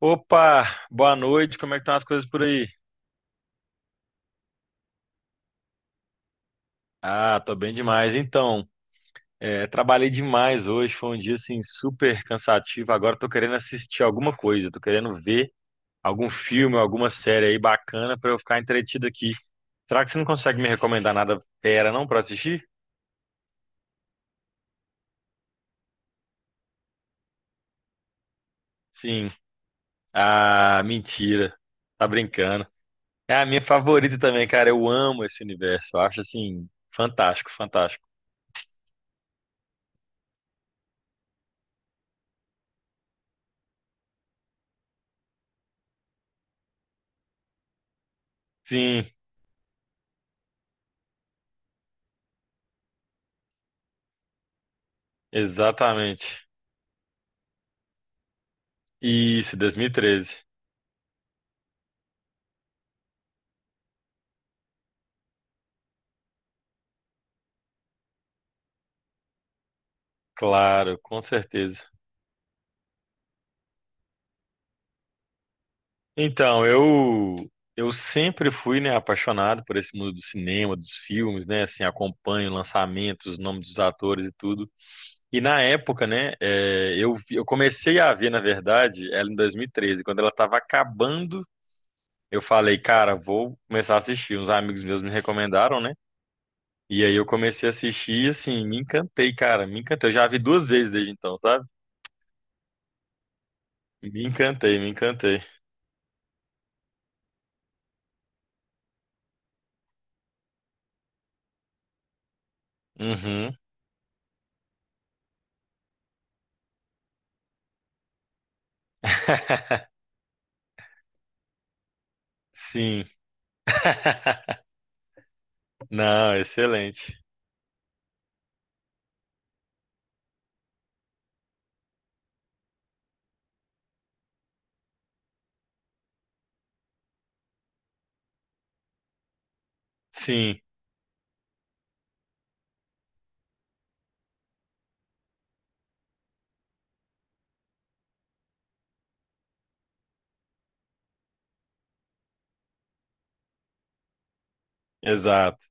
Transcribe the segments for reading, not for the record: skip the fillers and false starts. Opa, boa noite, como é que estão as coisas por aí? Ah, tô bem demais. Então, trabalhei demais hoje, foi um dia assim super cansativo. Agora tô querendo assistir alguma coisa, tô querendo ver algum filme, alguma série aí bacana pra eu ficar entretido aqui. Será que você não consegue me recomendar nada fera não pra assistir? Sim. Ah, mentira. Tá brincando. É a minha favorita também, cara. Eu amo esse universo. Eu acho assim fantástico, fantástico. Sim, exatamente. Isso, 2013. Claro, com certeza. Então, eu sempre fui, né, apaixonado por esse mundo do cinema, dos filmes, né, assim, acompanho lançamentos, os nomes dos atores e tudo. E na época, né, eu comecei a ver, na verdade, ela em 2013, quando ela estava acabando, eu falei, cara, vou começar a assistir. Uns amigos meus me recomendaram, né? E aí eu comecei a assistir e assim, me encantei, cara, me encantei. Eu já vi duas vezes desde então, sabe? Me encantei, me encantei. Uhum. Sim. Não, excelente. Sim, exato.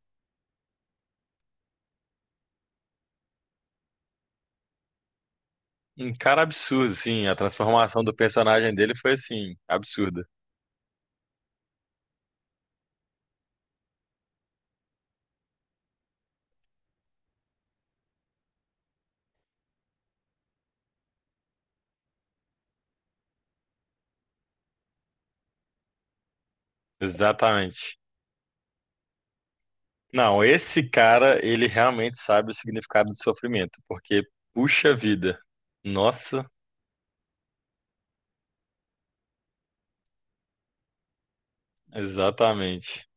Um cara absurdo, sim. A transformação do personagem dele foi assim, absurda. Exatamente. Não, esse cara, ele realmente sabe o significado do sofrimento, porque puxa vida. Nossa, exatamente.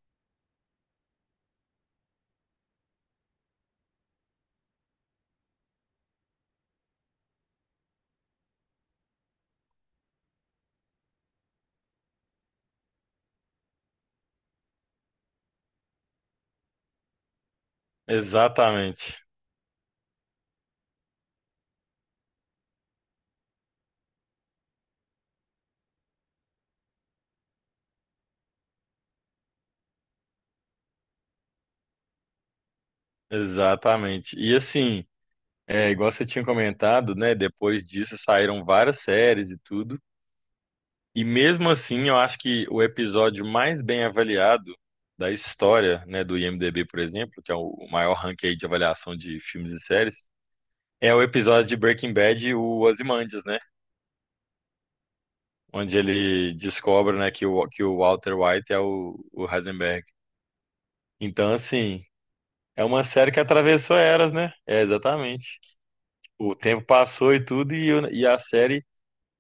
Exatamente. Exatamente. E assim, é, igual você tinha comentado, né? Depois disso saíram várias séries e tudo. E mesmo assim, eu acho que o episódio mais bem avaliado da história, né, do IMDb, por exemplo, que é o maior ranking aí de avaliação de filmes e séries, é o episódio de Breaking Bad, o Ozymandias, né, onde ele descobre, né, que o Walter White é o Heisenberg. Então, assim, é uma série que atravessou eras, né? É, exatamente. O tempo passou e tudo, e a série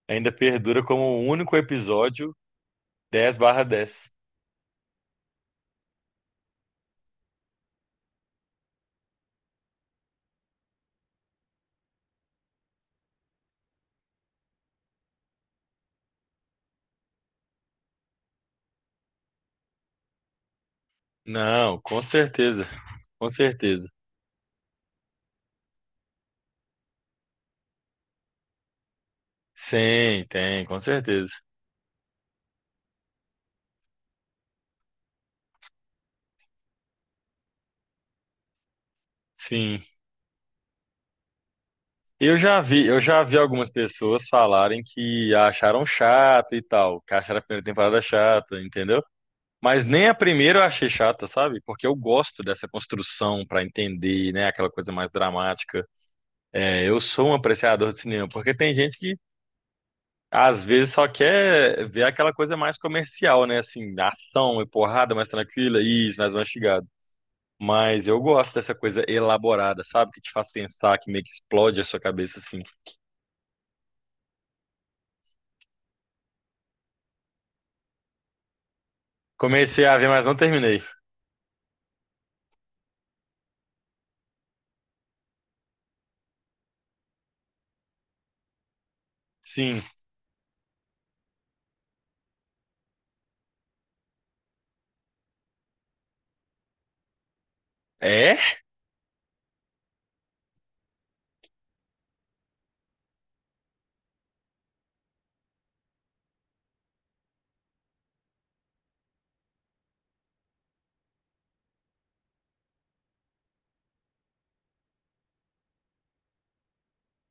ainda perdura como o único episódio dez barra dez. Não, com certeza. Com certeza. Sim, tem, com certeza. Sim. Eu já vi algumas pessoas falarem que acharam chato e tal, que acharam a primeira temporada chata, entendeu? Mas nem a primeira eu achei chata, sabe? Porque eu gosto dessa construção pra entender, né, aquela coisa mais dramática. É, eu sou um apreciador de cinema, porque tem gente que às vezes só quer ver aquela coisa mais comercial, né, assim, ação e porrada mais tranquila, isso, mais mastigada. Mas eu gosto dessa coisa elaborada, sabe? Que te faz pensar, que meio que explode a sua cabeça, assim. Comecei a ver, mas não terminei. Sim. É?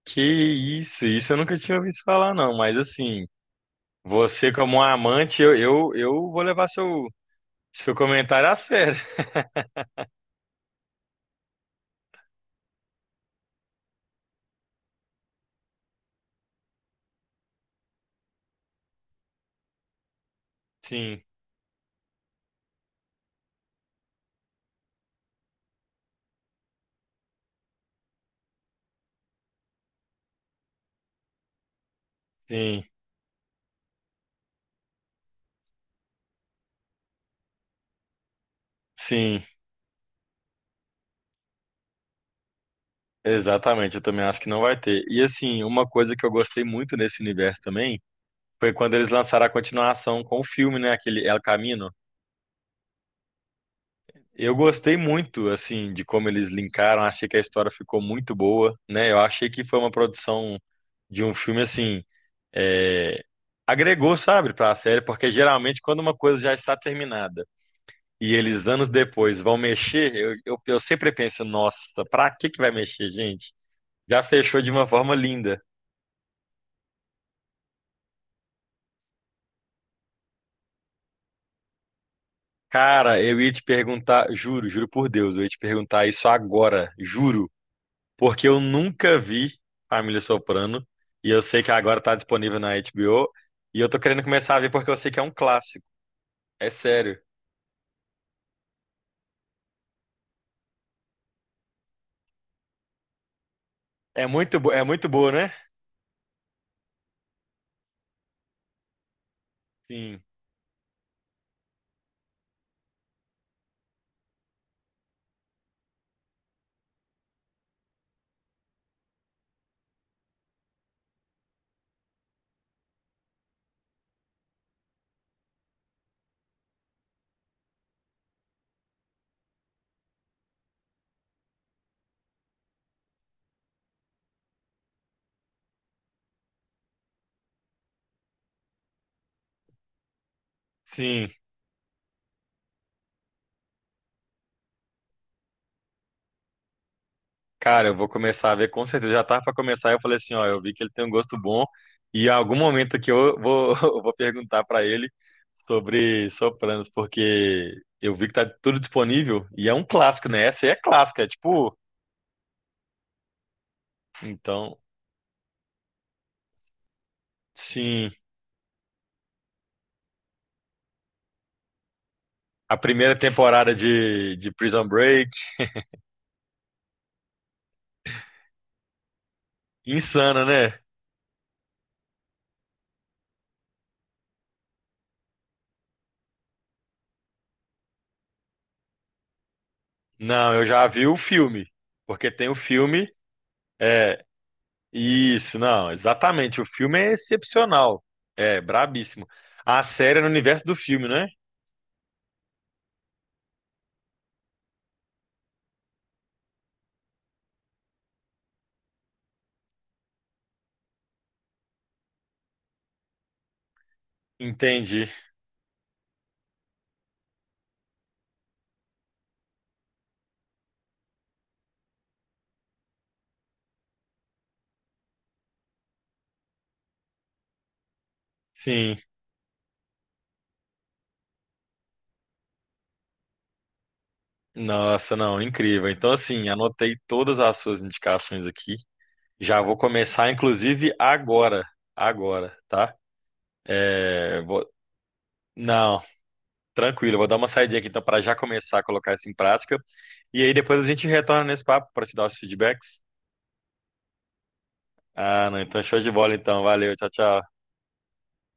Que isso? Isso eu nunca tinha ouvido falar, não. Mas, assim, você como um amante, eu vou levar seu comentário a sério. Sim, sim, sim. Exatamente, eu também acho que não vai ter. E, assim, uma coisa que eu gostei muito nesse universo também foi quando eles lançaram a continuação com o filme, né? Aquele El Camino. Eu gostei muito, assim, de como eles linkaram. Achei que a história ficou muito boa, né? Eu achei que foi uma produção de um filme, assim, é, agregou, sabe, para a série, porque geralmente quando uma coisa já está terminada e eles anos depois vão mexer, eu sempre penso, nossa, pra que que vai mexer, gente? Já fechou de uma forma linda. Cara, eu ia te perguntar, juro, juro por Deus, eu ia te perguntar isso agora, juro. Porque eu nunca vi Família Soprano e eu sei que agora tá disponível na HBO e eu tô querendo começar a ver porque eu sei que é um clássico. É sério. É é muito boa, né? Sim, sim. Cara, eu vou começar a ver com certeza. Já tava pra começar. Eu falei assim, ó, eu vi que ele tem um gosto bom e em algum momento aqui eu vou, eu vou perguntar pra ele sobre Sopranos, porque eu vi que tá tudo disponível e é um clássico, né? Essa aí é clássica, é tipo, então, sim. A primeira temporada de Prison Break. Insana, né? Não, eu já vi o filme. Porque tem o filme. É, isso, não, exatamente. O filme é excepcional. É, brabíssimo. A série é no universo do filme, né? Entendi. Sim. Nossa, não, incrível. Então, assim, anotei todas as suas indicações aqui. Já vou começar, inclusive, agora. Agora, tá? É, vou- Não, tranquilo, eu vou dar uma saidinha aqui então para já começar a colocar isso em prática. E aí depois a gente retorna nesse papo para te dar os feedbacks. Ah, não, então show de bola então. Valeu, tchau, tchau.